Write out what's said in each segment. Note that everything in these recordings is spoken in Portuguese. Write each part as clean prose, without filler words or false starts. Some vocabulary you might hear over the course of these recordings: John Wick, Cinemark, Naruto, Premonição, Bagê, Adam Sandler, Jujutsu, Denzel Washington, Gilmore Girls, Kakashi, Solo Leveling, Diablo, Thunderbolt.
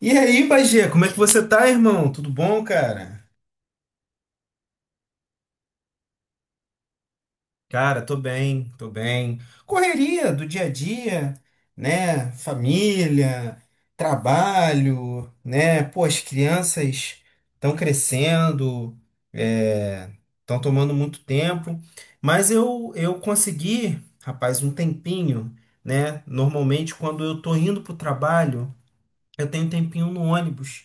E aí, Bagê, como é que você tá, irmão? Tudo bom, cara? Cara, tô bem, tô bem. Correria do dia a dia, né? Família, trabalho, né? Pô, as crianças estão crescendo, estão tomando muito tempo, mas eu consegui, rapaz, um tempinho, né? Normalmente, quando eu tô indo pro trabalho, eu tenho um tempinho no ônibus.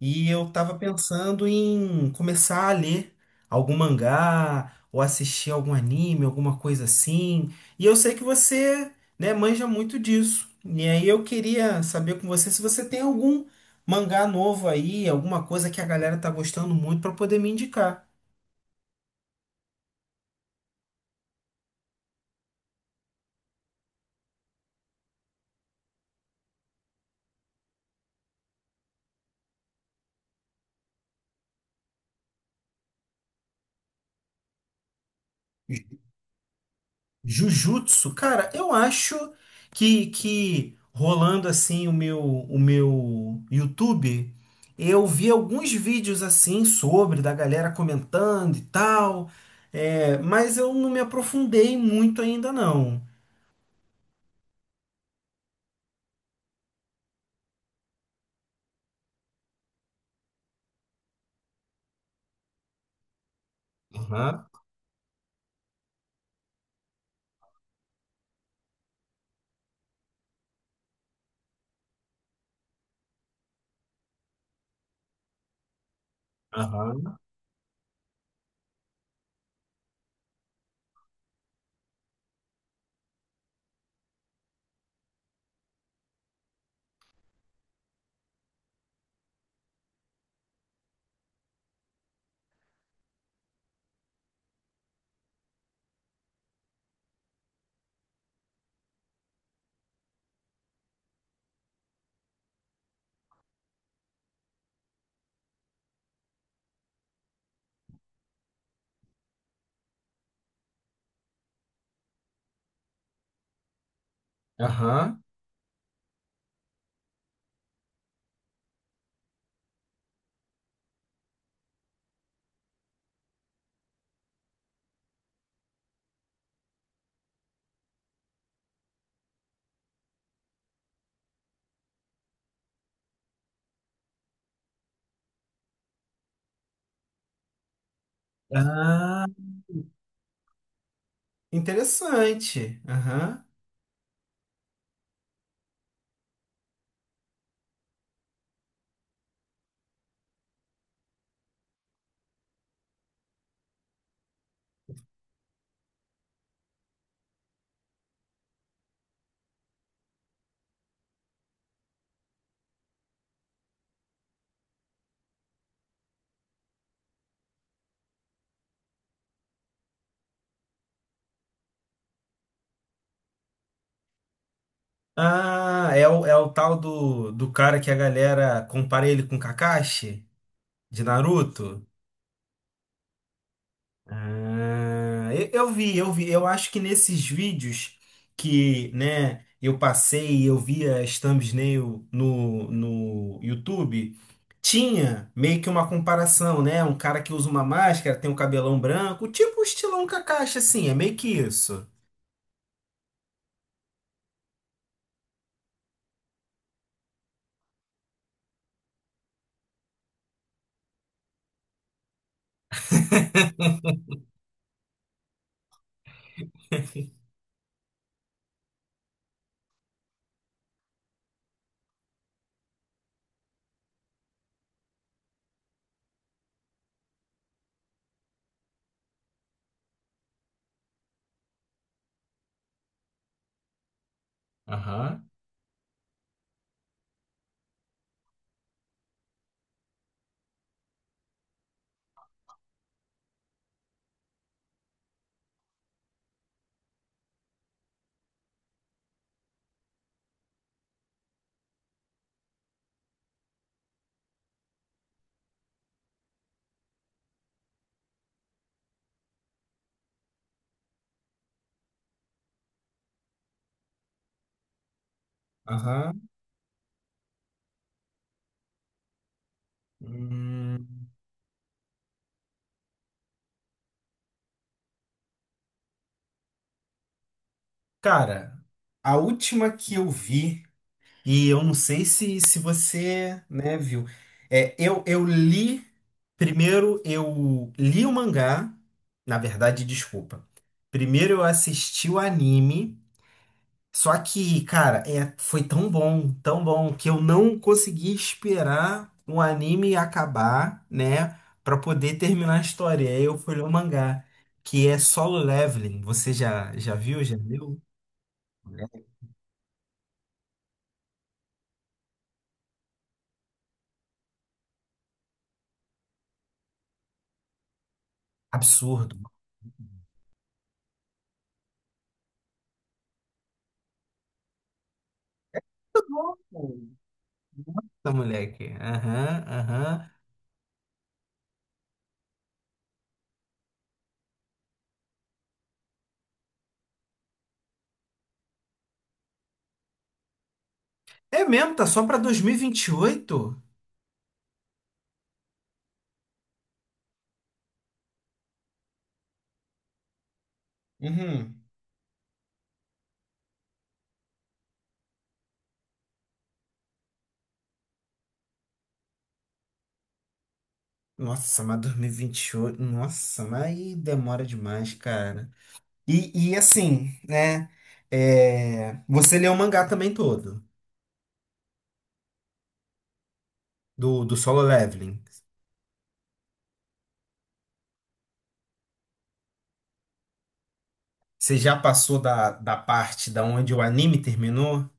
E eu tava pensando em começar a ler algum mangá ou assistir algum anime, alguma coisa assim. E eu sei que você, né, manja muito disso. E aí eu queria saber com você se você tem algum mangá novo aí, alguma coisa que a galera tá gostando muito para poder me indicar. Jujutsu, cara, eu acho que rolando assim o meu YouTube, eu vi alguns vídeos assim sobre da galera comentando e tal, é, mas eu não me aprofundei muito ainda não. Aham, aham, aham. Ah, interessante. Aham. Ah, é o tal do cara que a galera compara ele com Kakashi de Naruto? Ah, eu vi, eu vi. Eu acho que nesses vídeos que, né, eu passei e eu via as thumbnail no YouTube, tinha meio que uma comparação, né? Um cara que usa uma máscara, tem um cabelão branco, tipo o estilão Kakashi, assim, é meio que isso. Aham. Aham. Hum, Cara, a última que eu vi. E eu não sei se você, né, viu. É, eu li. Primeiro eu li o mangá. Na verdade, desculpa. Primeiro eu assisti o anime. Só que, cara, é, foi tão bom, que eu não consegui esperar o anime acabar, né? Pra poder terminar a história. Aí eu fui ler o mangá, que é Solo Leveling. Você já viu? Já leu? É. Absurdo. Muito bom. Tá, moleque. Aham, aham. É mesmo, tá só pra 2028? Uhum. Nossa, mas dois mil e vinte e oito, nossa, mas aí demora demais, cara. E assim, né? É, você leu o mangá também todo, do Solo Leveling. Você já passou da parte da onde o anime terminou?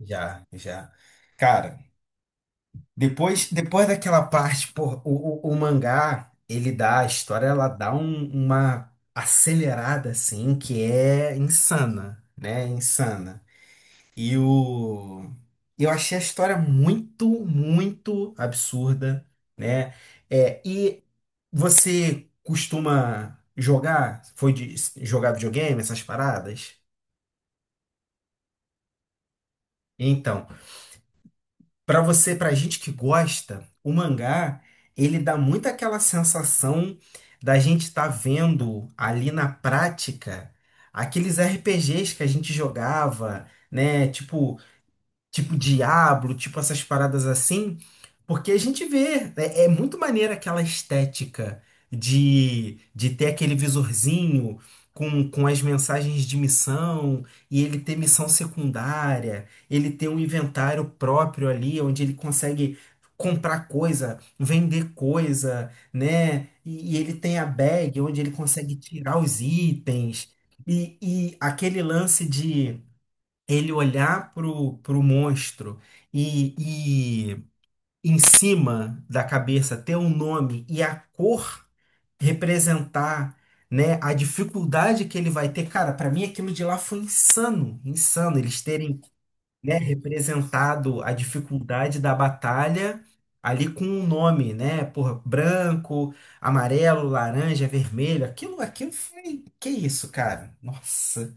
Já, já. Cara. Depois, depois daquela parte, pô, o mangá, ele dá, a história, ela dá uma acelerada, assim, que é insana, né? Insana. E o... Eu achei a história muito, muito absurda, né? É, e você costuma jogar? Foi de jogar videogame, essas paradas? Então, para você, pra gente que gosta, o mangá, ele dá muito aquela sensação da gente estar vendo ali na prática aqueles RPGs que a gente jogava, né? Tipo Diablo, tipo essas paradas assim, porque a gente vê, é muito maneira aquela estética de ter aquele visorzinho com as mensagens de missão, e ele ter missão secundária, ele ter um inventário próprio ali, onde ele consegue comprar coisa, vender coisa, né? E ele tem a bag, onde ele consegue tirar os itens, e aquele lance ele olhar pro monstro e, e em cima da cabeça ter um nome e a cor representar, né, a dificuldade que ele vai ter. Cara, para mim aquilo de lá foi insano, insano eles terem, né, representado a dificuldade da batalha ali com um nome, né? Porra, branco, amarelo, laranja, vermelho. Aquilo, aquilo foi, que isso, cara? Nossa.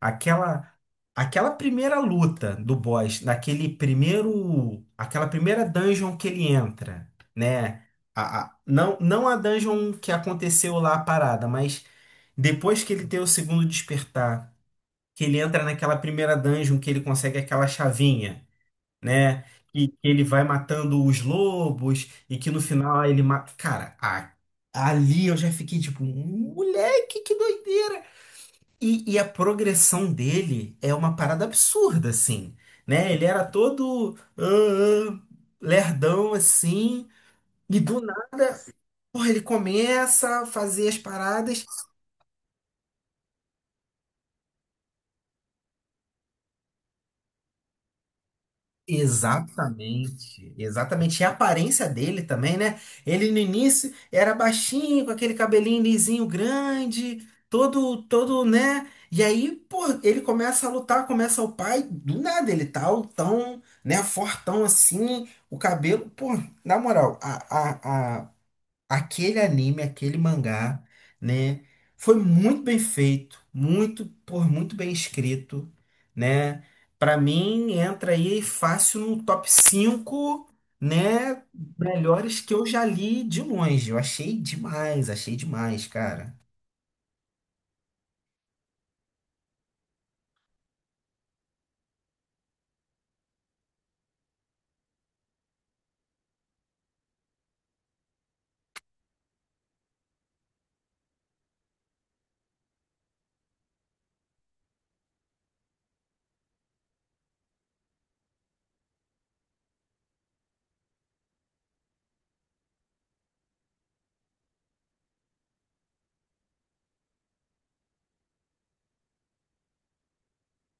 Aquela aquela primeira luta do boss, naquele primeiro, aquela primeira dungeon que ele entra, né? Não, não a dungeon que aconteceu lá a parada, mas depois que ele tem o segundo despertar, que ele entra naquela primeira dungeon que ele consegue aquela chavinha, né? E que ele vai matando os lobos e que no final ele mata. Cara, ali eu já fiquei tipo, moleque, que doideira! E a progressão dele é uma parada absurda, assim, né? Ele era todo ah, lerdão, assim, e do nada, porra, ele começa a fazer as paradas. Exatamente, exatamente. E a aparência dele também, né? Ele no início era baixinho, com aquele cabelinho lisinho grande, todo, todo, né? E aí, pô, ele começa a lutar, começa o pai, do nada ele tá altão, né? Fortão assim, o cabelo. Pô, na moral, a aquele anime, aquele mangá, né? Foi muito bem feito, muito, por muito bem escrito, né? Para mim entra aí fácil no top cinco, né, melhores que eu já li de longe. Eu achei demais, cara.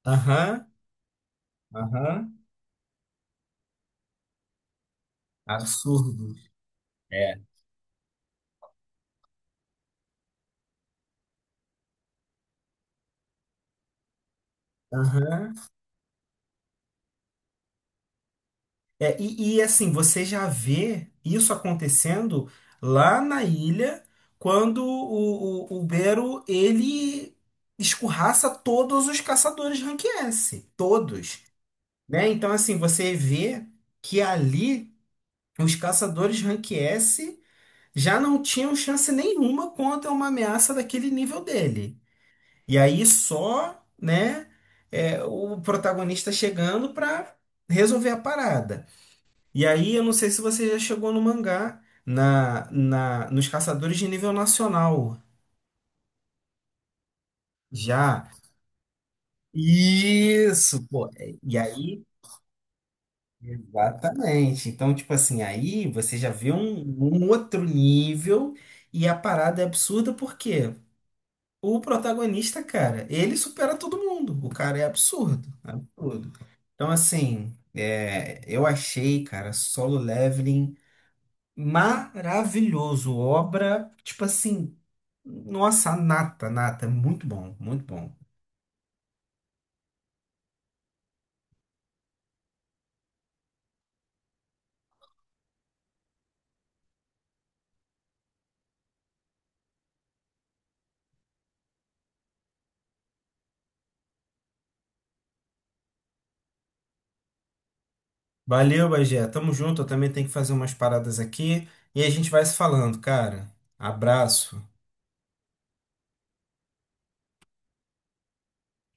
Aham, aham. Absurdo. É. Aham. É, assim, você já vê isso acontecendo lá na ilha, quando o Bero, ele escorraça todos os caçadores rank S, todos, né? Então, assim, você vê que ali os caçadores rank S já não tinham chance nenhuma contra uma ameaça daquele nível dele. E aí só, né, é, o protagonista chegando para resolver a parada. E aí, eu não sei se você já chegou no mangá, nos caçadores de nível nacional. Já. Isso, pô. É, e aí, exatamente. Então, tipo assim, aí você já vê um outro nível e a parada é absurda porque o protagonista, cara, ele supera todo mundo. O cara é absurdo, absurdo. Então, assim, é, eu achei, cara, Solo Leveling. Maravilhoso, obra, tipo assim, nossa, nata, nata, é muito bom, muito bom. Valeu, Bagé, tamo junto, eu também tenho que fazer umas paradas aqui e a gente vai se falando, cara. Abraço.